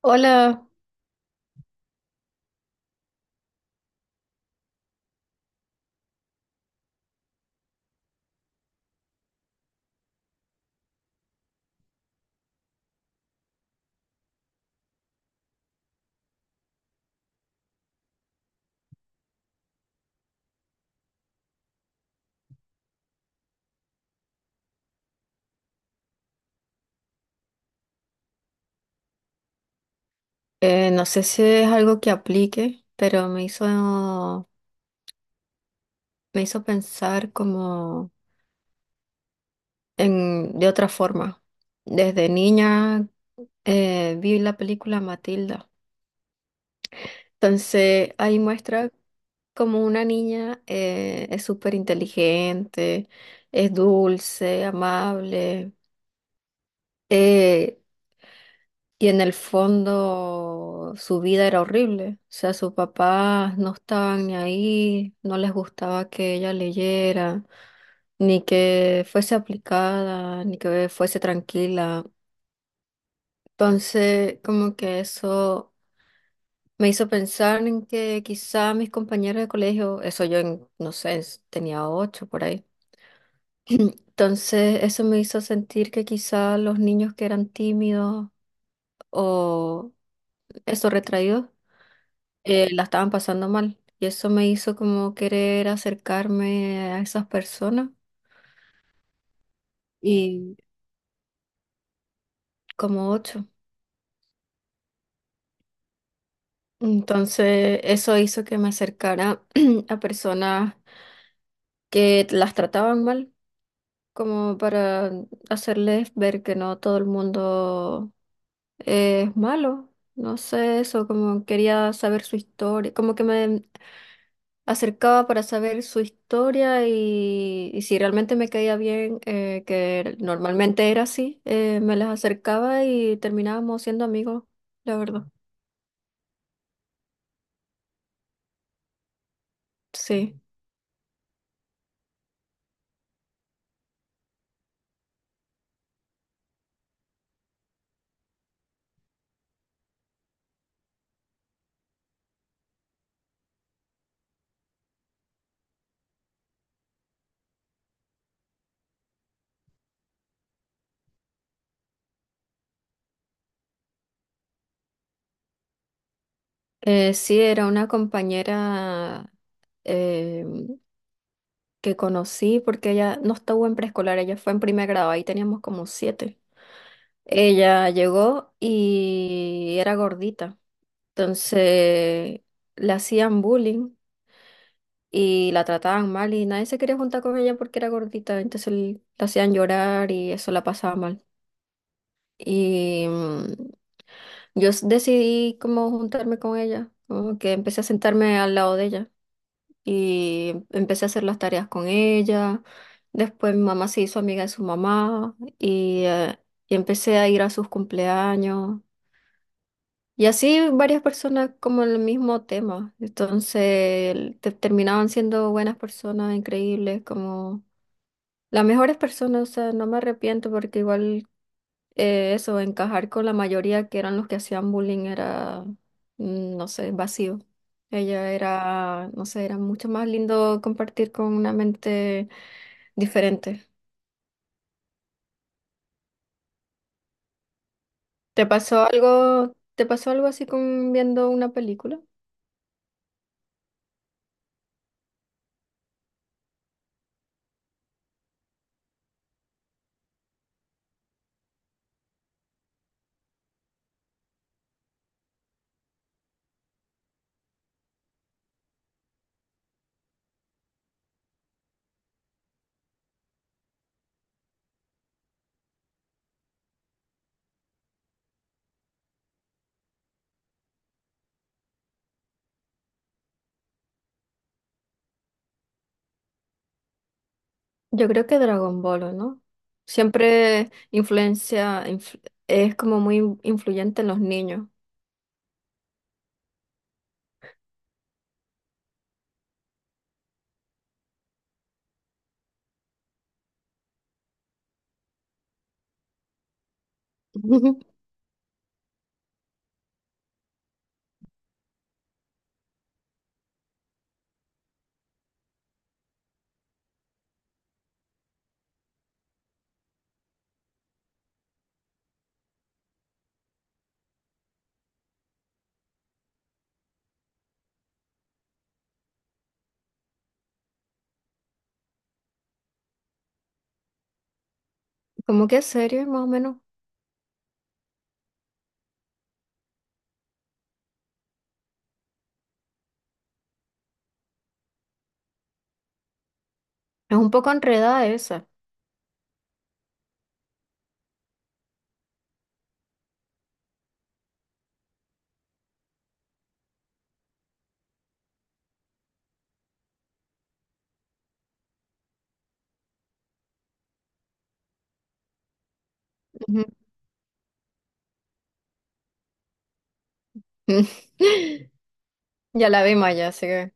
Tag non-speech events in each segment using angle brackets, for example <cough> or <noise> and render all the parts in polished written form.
Hola, no sé si es algo que aplique, pero me hizo pensar como en, de otra forma. Desde niña vi la película Matilda. Entonces ahí muestra como una niña es súper inteligente, es dulce, amable. Eh, y en el fondo su vida era horrible. O sea, sus papás no estaban ni ahí, no les gustaba que ella leyera, ni que fuese aplicada, ni que fuese tranquila. Entonces, como que eso me hizo pensar en que quizá mis compañeros de colegio, eso yo, no sé, tenía 8 por ahí. <clears throat> Entonces, eso me hizo sentir que quizá los niños que eran tímidos o esos retraídos, la estaban pasando mal. Y eso me hizo como querer acercarme a esas personas. Y como 8. Entonces, eso hizo que me acercara <clears throat> a personas que las trataban mal, como para hacerles ver que no todo el mundo es malo. No sé, eso, como quería saber su historia, como que me acercaba para saber su historia y si realmente me caía bien, que normalmente era así, me las acercaba y terminábamos siendo amigos, la verdad. Sí. Sí, era una compañera eh, que conocí porque ella no estuvo en preescolar, ella fue en primer grado, ahí teníamos como 7. Ella llegó y era gordita, entonces le hacían bullying y la trataban mal y nadie se quería juntar con ella porque era gordita, entonces la hacían llorar y eso la pasaba mal. Y yo decidí como juntarme con ella, como que empecé a sentarme al lado de ella. Y empecé a hacer las tareas con ella. Después mi mamá se hizo amiga de su mamá y empecé a ir a sus cumpleaños. Y así varias personas como el mismo tema. Entonces terminaban siendo buenas personas, increíbles, como las mejores personas. O sea, no me arrepiento porque igual eso, encajar con la mayoría que eran los que hacían bullying era, no sé, vacío. Ella era, no sé, era mucho más lindo compartir con una mente diferente. Te pasó algo así con viendo una película? Yo creo que Dragon Ball, ¿o no? Siempre influencia, influ- es como muy influyente en los niños. <laughs> Como que es serio, más o menos. Es un poco enredada esa. Ujú. <laughs> Ya la vimos ya, así que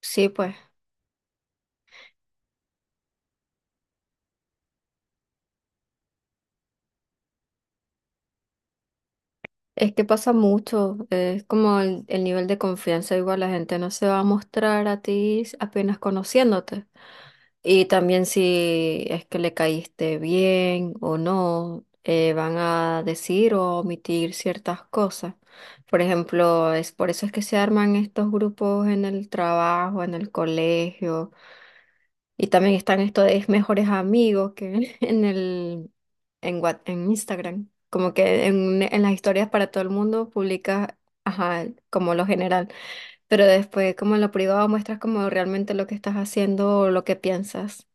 sí, pues. Es que pasa mucho, es como el nivel de confianza, igual la gente no se va a mostrar a ti apenas conociéndote. Y también si es que le caíste bien o no, van a decir o omitir ciertas cosas. Por ejemplo, es por eso es que se arman estos grupos en el trabajo, en el colegio. Y también están estos de mejores amigos que <laughs> en Instagram. Como que en las historias para todo el mundo publicas, ajá, como lo general. Pero después, como en lo privado, muestras como realmente lo que estás haciendo o lo que piensas.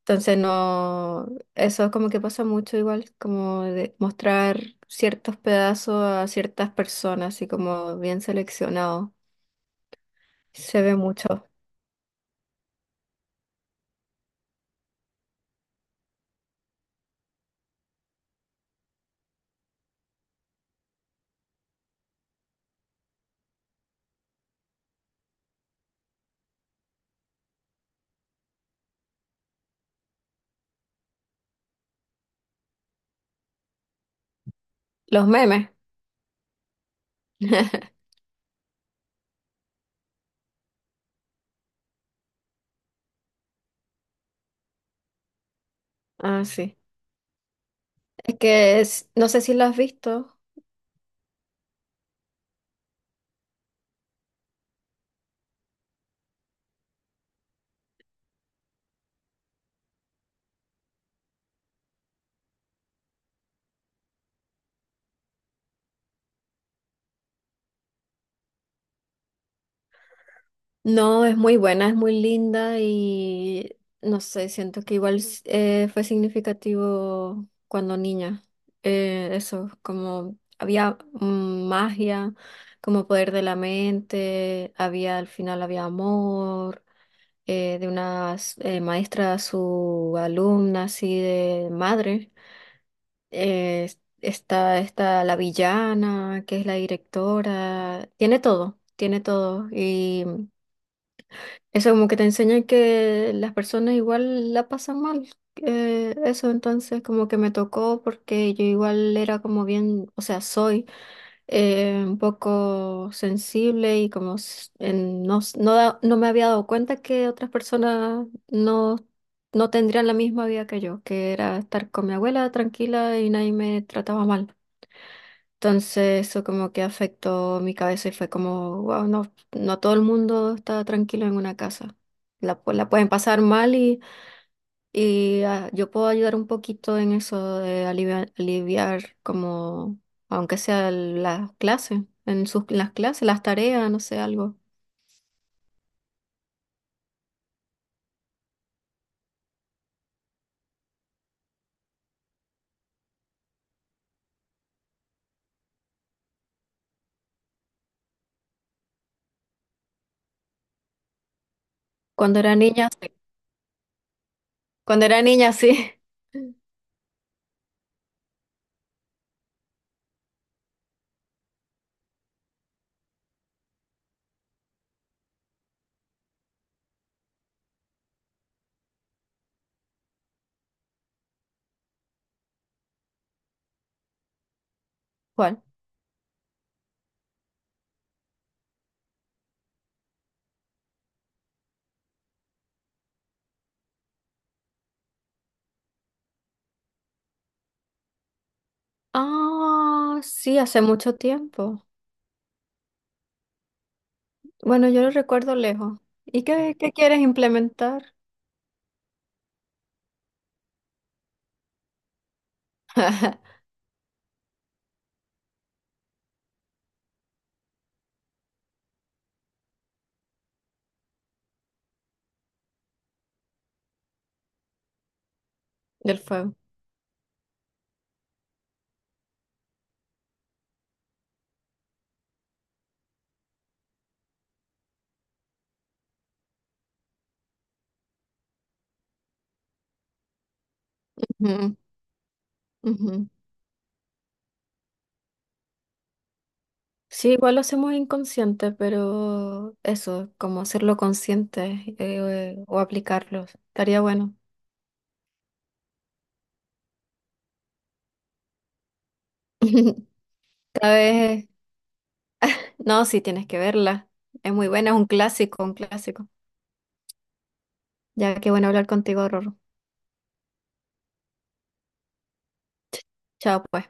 Entonces no, eso como que pasa mucho igual, como de mostrar ciertos pedazos a ciertas personas, así como bien seleccionado. Se ve mucho. Los memes. <laughs> Ah, sí. Es que no sé si lo has visto. No, es muy buena, es muy linda y no sé, siento que igual fue significativo cuando niña. Eso, como había magia, como poder de la mente, había al final había amor de una maestra a su alumna, así de madre. Eh, está la villana, que es la directora, tiene todo y... Eso como que te enseña que las personas igual la pasan mal. Eso entonces como que me tocó porque yo igual era como bien, o sea, soy un poco sensible y como no, no, no me había dado cuenta que otras personas no, no tendrían la misma vida que yo, que era estar con mi abuela tranquila y nadie me trataba mal. Entonces eso como que afectó mi cabeza y fue como, wow, no, no todo el mundo está tranquilo en una casa. La pueden pasar mal y ah, yo puedo ayudar un poquito en eso de aliviar, aliviar como, aunque sea las clases, en sus, las clases, las tareas, no sé, algo. Cuando era niña, sí. Cuando era niña, sí. <laughs> ¿Cuál? Ah, sí, hace mucho tiempo. Bueno, yo lo recuerdo lejos. ¿Y qué, qué quieres implementar del fuego? <laughs> Ujú. Sí, igual lo hacemos inconsciente, pero eso, como hacerlo consciente o aplicarlo, estaría bueno. <laughs> Cada vez, no, sí tienes que verla. Es muy buena, es un clásico, un clásico. Ya que bueno hablar contigo, Rorro. Chao, pues.